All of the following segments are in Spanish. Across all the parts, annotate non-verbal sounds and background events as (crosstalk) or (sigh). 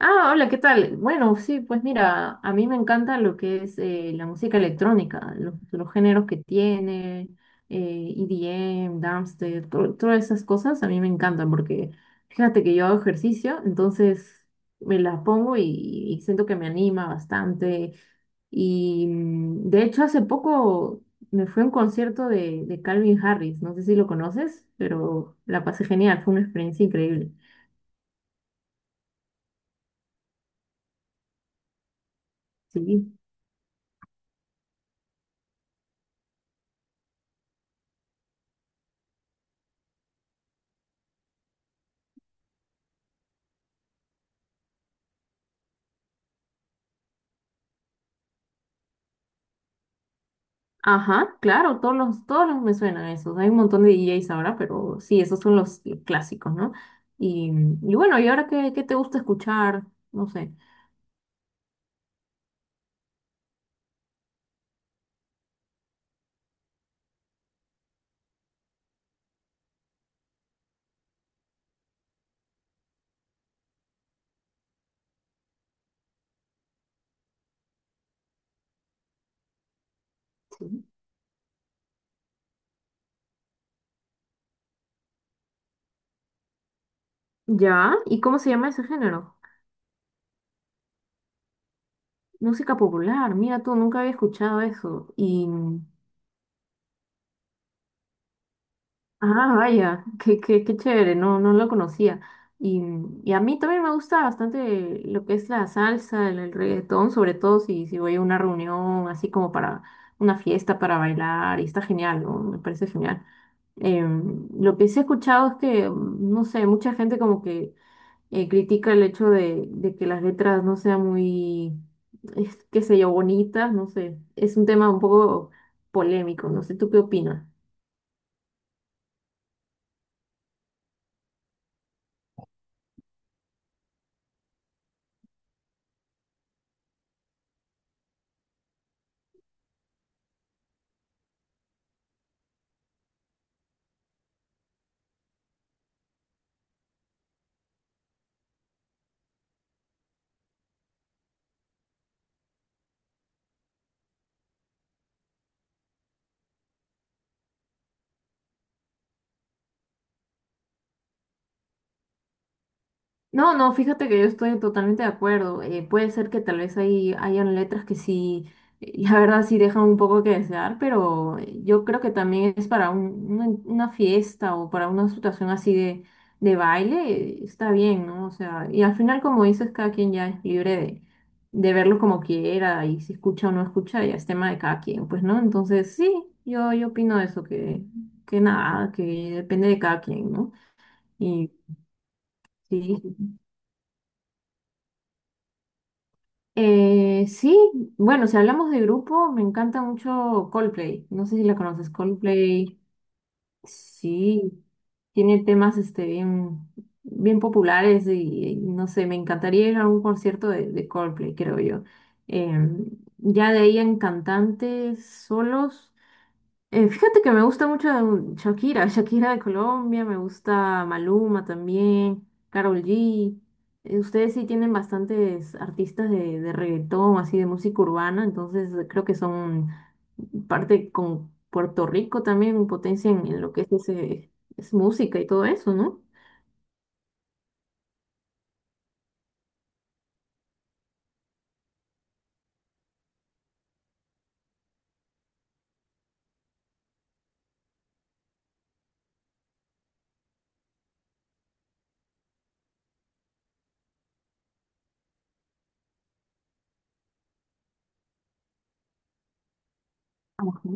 Hola, ¿qué tal? Bueno, sí, pues mira, a mí me encanta lo que es la música electrónica, los géneros que tiene, EDM, dubstep, todas esas cosas a mí me encantan porque fíjate que yo hago ejercicio, entonces me las pongo y siento que me anima bastante. Y de hecho hace poco me fui a un concierto de Calvin Harris, no sé si lo conoces, pero la pasé genial, fue una experiencia increíble. Sí. Ajá, claro, todos los me suenan esos. Hay un montón de DJs ahora, pero sí, esos son los clásicos, ¿no? Y, y bueno, ¿y ahora qué te gusta escuchar? No sé. Sí. ¿Ya? ¿Y cómo se llama ese género? Música popular, mira tú, nunca había escuchado eso. Y ah, vaya, qué chévere, no lo conocía. Y, y a mí también me gusta bastante lo que es la salsa, el reggaetón, sobre todo si voy a una reunión así como para una fiesta, para bailar, y está genial, ¿no? Me parece genial. Lo que sí he escuchado es que, no sé, mucha gente como que critica el hecho de que las letras no sean muy, es, qué sé yo, bonitas, no sé, es un tema un poco polémico, no sé, ¿tú qué opinas? No, no, fíjate que yo estoy totalmente de acuerdo. Puede ser que tal vez ahí hayan letras que sí, la verdad sí dejan un poco que desear, pero yo creo que también es para una fiesta o para una situación así de baile, está bien, ¿no? O sea, y al final, como dices, cada quien ya es libre de verlo como quiera y si escucha o no escucha, ya es tema de cada quien, pues, ¿no? Entonces, sí, yo opino eso, que nada, que depende de cada quien, ¿no? Y sí. Sí, bueno, si hablamos de grupo, me encanta mucho Coldplay. No sé si la conoces, Coldplay. Sí, tiene temas este, bien, bien populares y no sé, me encantaría ir a un concierto de Coldplay, creo yo. Em, ya de ahí en cantantes solos. Fíjate que me gusta mucho Shakira, Shakira de Colombia, me gusta Maluma también, Karol G. Ustedes sí tienen bastantes artistas de reggaetón, así de música urbana, entonces creo que son parte con Puerto Rico también, potencia en lo que es, ese, es música y todo eso, ¿no? Ajá.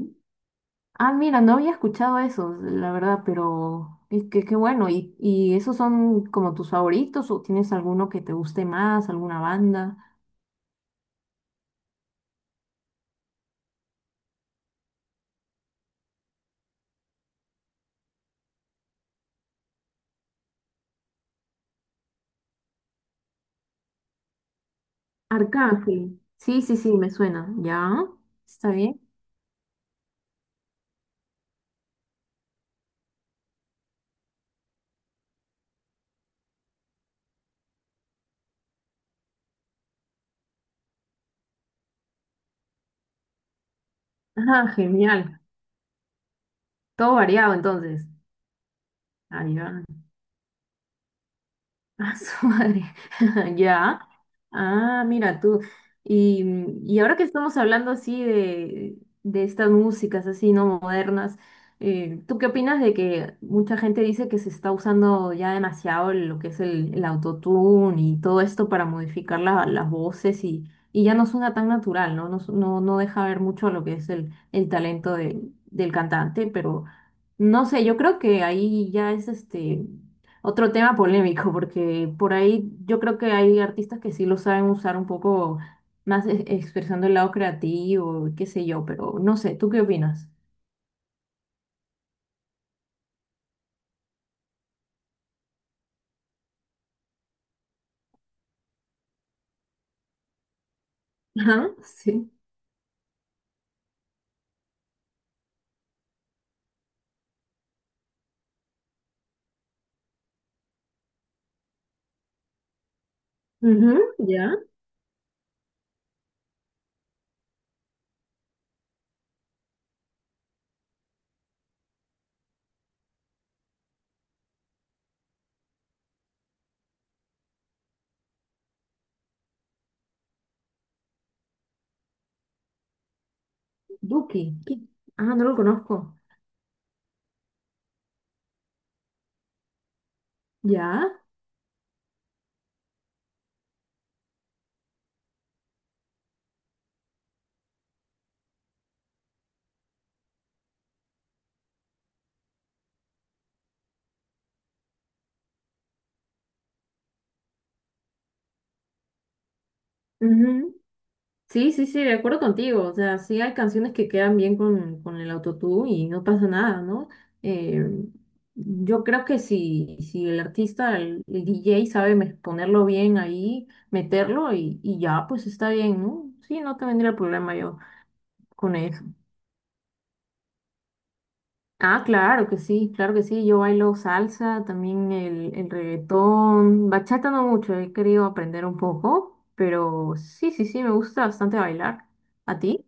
Ah, mira, no había escuchado eso, la verdad, pero es que qué bueno. Y esos son como tus favoritos o tienes alguno que te guste más, alguna banda? Arcángel. Sí, sí, sí, me suena. ¿Ya? ¿Está bien? Ah, genial. Todo variado entonces. Ah, ya. Ah, su madre. (laughs) Ya. Ah, mira tú. Y, y ahora que estamos hablando así de estas músicas así, ¿no? Modernas, ¿tú qué opinas de que mucha gente dice que se está usando ya demasiado lo que es el autotune y todo esto para modificar las voces y ya no suena tan natural, ¿no? No, no, no deja ver mucho lo que es el talento del cantante, pero no sé, yo creo que ahí ya es este. Otro tema polémico, porque por ahí yo creo que hay artistas que sí lo saben usar un poco más expresando el lado creativo, qué sé yo, pero no sé, ¿tú qué opinas? Ajá, (laughs) sí. Ujú, ya. Duki. ¿Qué? Ah, no lo conozco. Ya. Sí, sí, sí, de acuerdo contigo. O sea, sí hay canciones que quedan bien con el autotune y no pasa nada, ¿no? Eh, yo creo que si, si el artista, el DJ sabe ponerlo bien ahí, meterlo y ya, pues está bien, ¿no? Sí, no te vendría problema yo con eso. Ah, claro que sí, claro que sí. Yo bailo salsa, también el reggaetón, bachata no mucho, he querido aprender un poco, pero sí, sí, sí, me gusta bastante bailar. ¿A ti?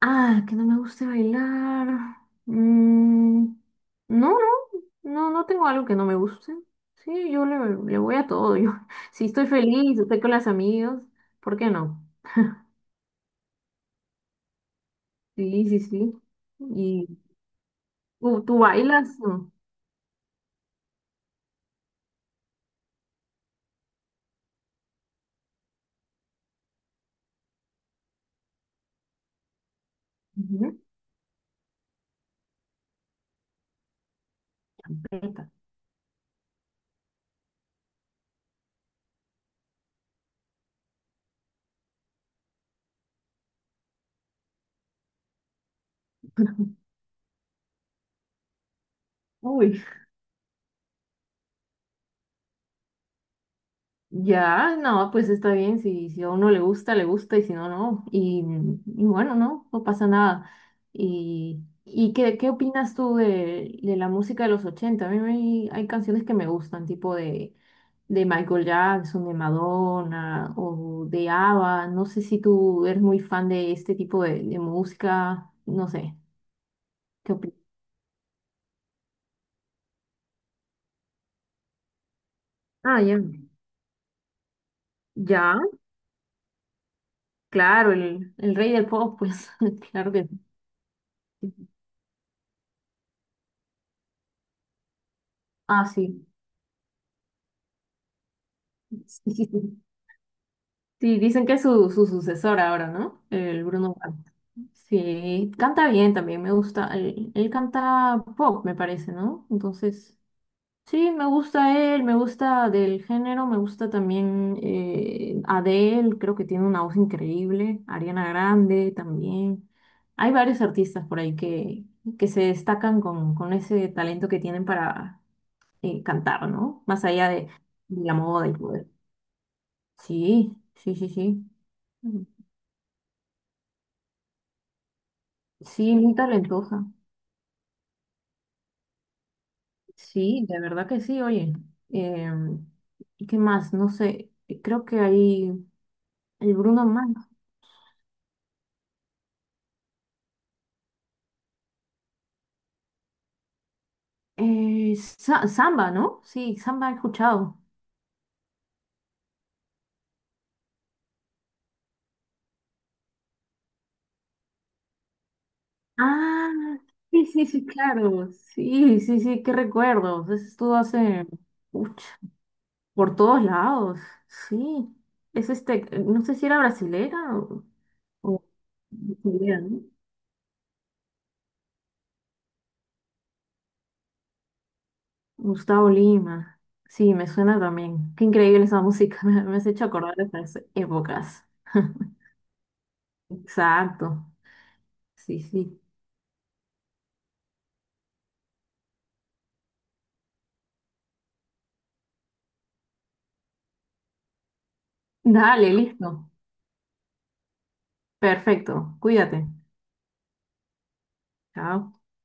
Ah, que no me guste bailar. Mm, no, no, no, no tengo algo que no me guste. Sí, le voy a todo. Yo, (laughs) si estoy feliz, estoy con las amigas, ¿por qué no? Sí, sí, sí. ¿Y tú bailas? No. Ujú. Ahí está. (laughs) Uy. Ya, no, pues está bien, si, si a uno le gusta, y si no, no. Y bueno, no, no pasa nada. Y qué opinas tú de la música de los ochenta? A mí hay canciones que me gustan, tipo de Michael Jackson, de Madonna o de ABBA. No sé si tú eres muy fan de este tipo de música, no sé, ¿qué opinas? Ah, ya. Ya, claro, el rey del pop, pues, (laughs) claro que sí. Ah, sí. (laughs) Sí, dicen que es su, su sucesor ahora, ¿no? El Bruno Mars. Sí, canta bien también, me gusta. Él canta pop, me parece, ¿no? Entonces, sí, me gusta él, me gusta del género, me gusta también Adele, creo que tiene una voz increíble, Ariana Grande también. Hay varios artistas por ahí que se destacan con ese talento que tienen para cantar, ¿no? Más allá de la moda y todo eso. Sí, sí, sí, sí. Sí, muy talentosa. Sí, de verdad que sí, oye. Em, ¿Qué más? No sé, creo que hay el Bruno Mars. Samba, ¿no? Sí, Samba he escuchado. Ah, sí, sí, sí, claro. Sí, sí, sí, qué recuerdos. Eso estuvo hace, uch, por todos lados. Sí. Es este, no sé si era brasilera o- brasileña, ¿no? Gustavo Lima. Sí, me suena también. Qué increíble esa música. (laughs) Me has hecho acordar de esas épocas. (laughs) Exacto. Sí, sí. Dale, listo. Perfecto. Cuídate. Chao.